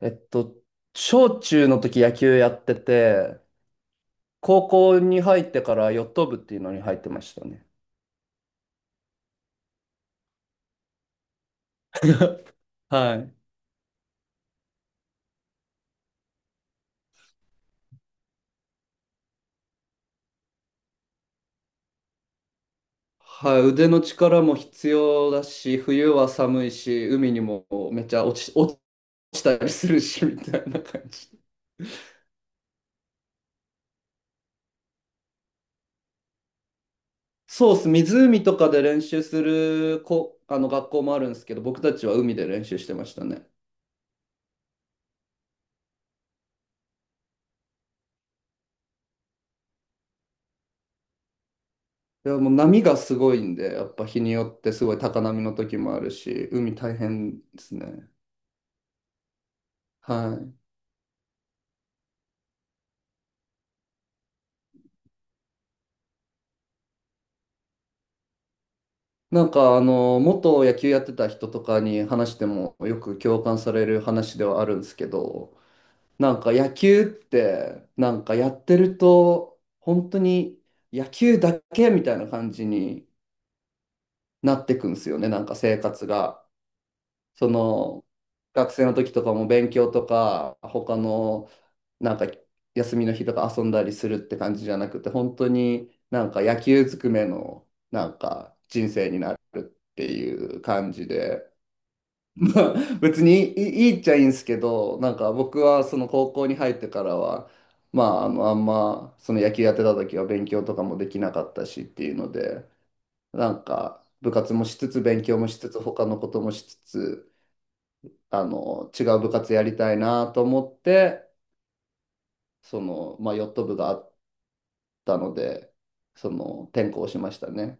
えっと、小中の時野球やってて、高校に入ってからヨット部っていうのに入ってましたね。はい。はい、腕の力も必要だし、冬は寒いし、海にもめっちゃ落ちたりするし、みたいな感じ。そうっす、湖とかで練習するこ、あの学校もあるんですけど、僕たちは海で練習してましたね。いや、もう波がすごいんで、やっぱ日によってすごい高波の時もあるし、海大変ですね。はい。なんか元野球やってた人とかに話してもよく共感される話ではあるんですけど、なんか野球ってなんかやってると本当に野球だけみたいな感じになってくんですよね、なんか生活が。その、学生の時とかも勉強とか他の、なんか休みの日とか遊んだりするって感じじゃなくて、本当になんか野球ずくめのなんか人生になるっていう感じで、まあ 別にいいっちゃいいんですけど、なんか僕はその高校に入ってからはまあ、あのあんまその野球やってた時は勉強とかもできなかったしっていうので、なんか部活もしつつ勉強もしつつ他のこともしつつ、あの、違う部活やりたいなと思って、その、まあ、ヨット部があったので、その、転校しましたね。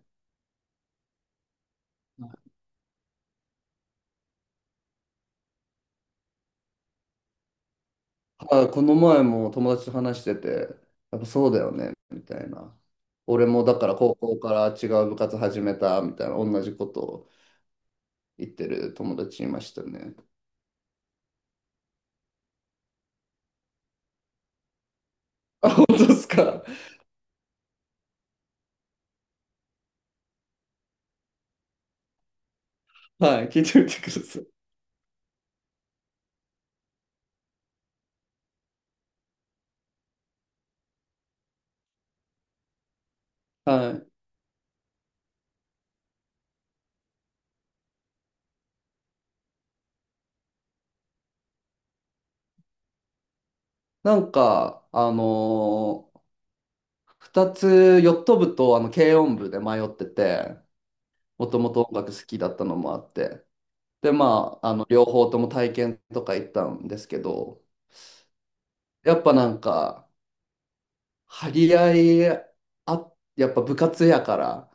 あ、この前も友達と話してて、やっぱそうだよね、みたいな。俺もだから高校から違う部活始めた、みたいな、同じことを言ってる友達いましたね。あ、本当ですか。はい、聞いてみてください。はい。なんか、2つ、ヨット部とあの軽音部で迷ってて、もともと音楽好きだったのもあって。で、まあ、あの、両方とも体験とか行ったんですけど、やっぱなんか、張り合い、あ、やっぱ部活やから、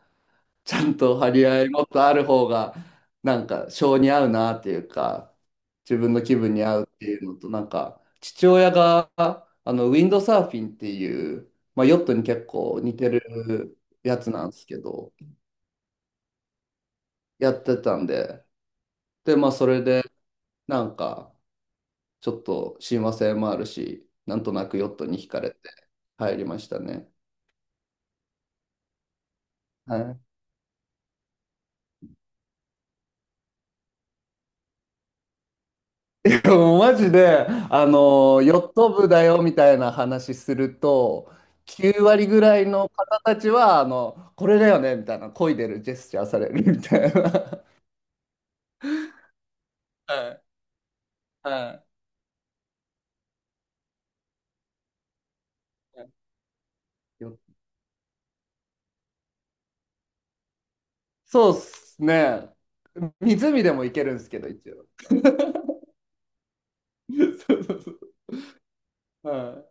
ちゃんと張り合いもっとある方が、なんか、性に合うなっていうか、自分の気分に合うっていうのと、なんか、父親が、あの、ウィンドサーフィンっていう、まあ、ヨットに結構似てるやつなんですけど、やってたんで、で、まあ、それで、なんか、ちょっと親和性もあるし、なんとなくヨットに惹かれて入りましたね。はい、でもマジで、あの、ヨット部だよみたいな話すると、9割ぐらいの方たちは、あの、これだよねみたいな、漕いでるジェスチャーされるみたいな。はい、はい。よ、そうっすね。湖でも行けるんですけど、一応。そうそうそう。は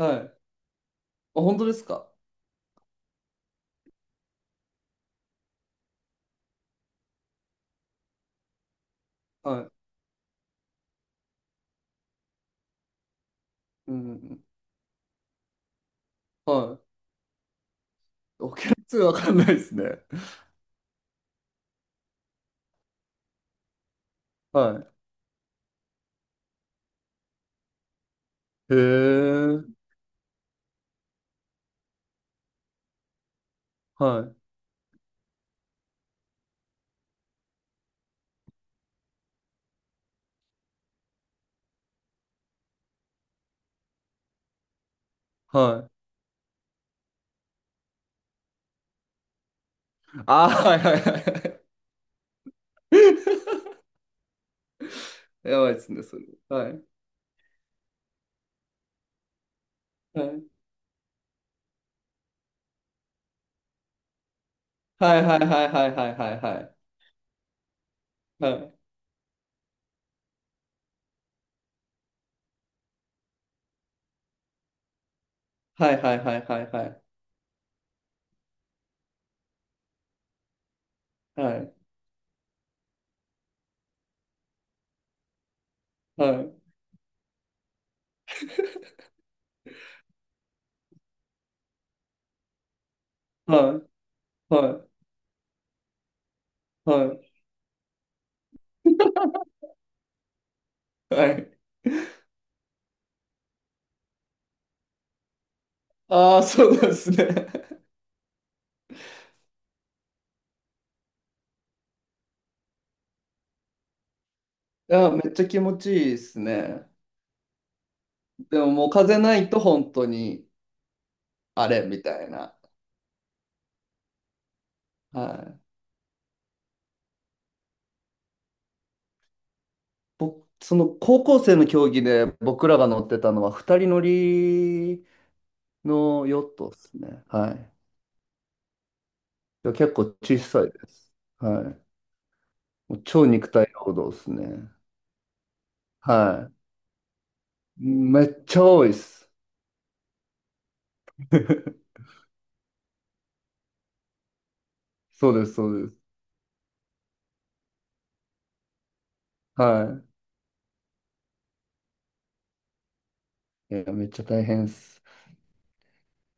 い。はい。あ、本当ですか。はい。うん。はい。オケラわかんないですね。はい。へえ。はい。はい。ああ、はいはいはい。やばいですね、それ。はい。はい。はいはいはいはいはいはい。はい。はいはいはいはいはい。はい。はい。はい。はいはい。はい。ああ、そうなんですね。いや、めっちゃ気持ちいいですね。でももう風ないと本当にあれみたいな。はい。僕、その高校生の競技で僕らが乗ってたのは二人乗りのヨットですね。はい。結構小さいです。はい。もう超肉体労働ですね。はい。めっちゃ多いです。そうです、そうです。はい。いや、めっちゃ大変です。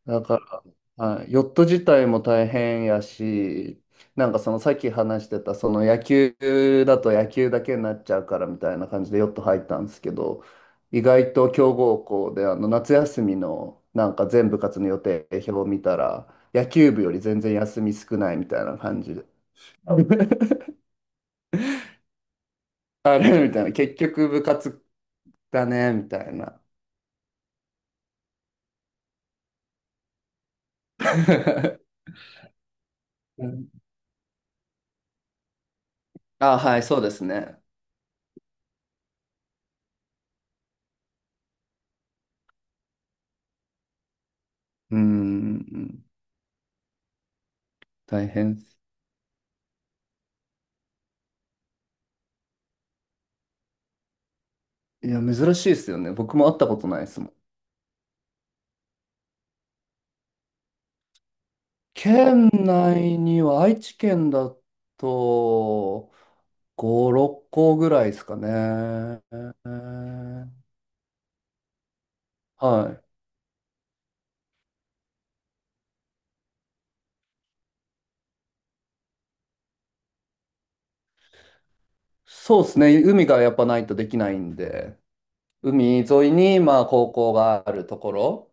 だか、はい、ヨット自体も大変やし、なんかそのさっき話してた、その野球だと野球だけになっちゃうからみたいな感じでヨット入ったんですけど、意外と強豪校であの夏休みのなんか全部活の予定表を見たら、野球部より全然休み少ないみたいな感じで、あ あれみたいな、結局部活だねみたいな。うん、あ、はい、そうですね。うん、大変。いや、珍しいですよね。僕も会ったことないですもん。県内には愛知県だと5、6個ぐらいですかね。はい。そうですね。海がやっぱないとできないんで、海沿いにまあ高校があるところ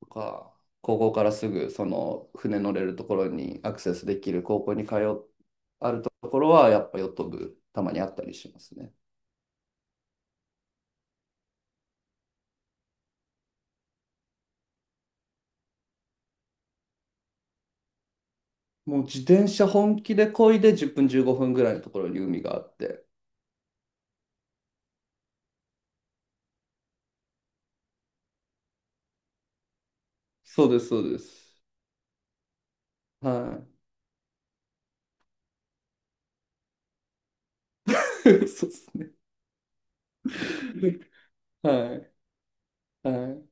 とか、高校からすぐその船乗れるところにアクセスできる高校に通う、あるところはやっぱヨット部たまにあったりしますね。もう自転車本気で漕いで10分15分ぐらいのところに海があって。そうです、そうです。はい。そうですね。はい。はい。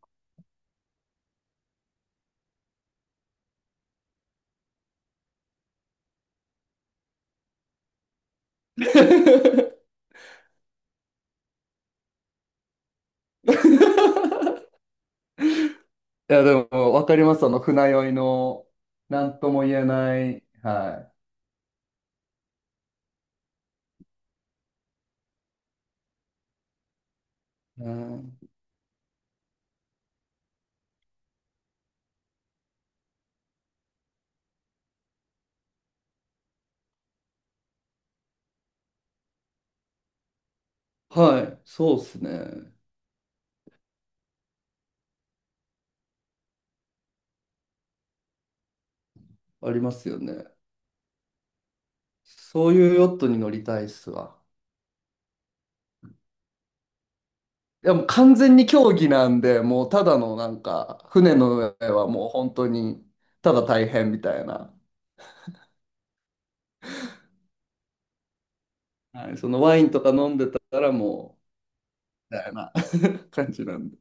いや、でも、わかります。その船酔いの、なんとも言えない。はい。うん、はい。そうですね。ありますよね。そういうヨットに乗りたいっすわ。でも完全に競技なんで、もうただのなんか、船の上はもう本当に、ただ大変みたいな。はい、そのワインとか飲んでたらもう、みたいな 感じなんで。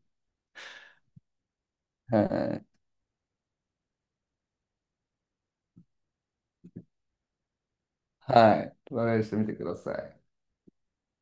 はい。はい。トライしてみてください。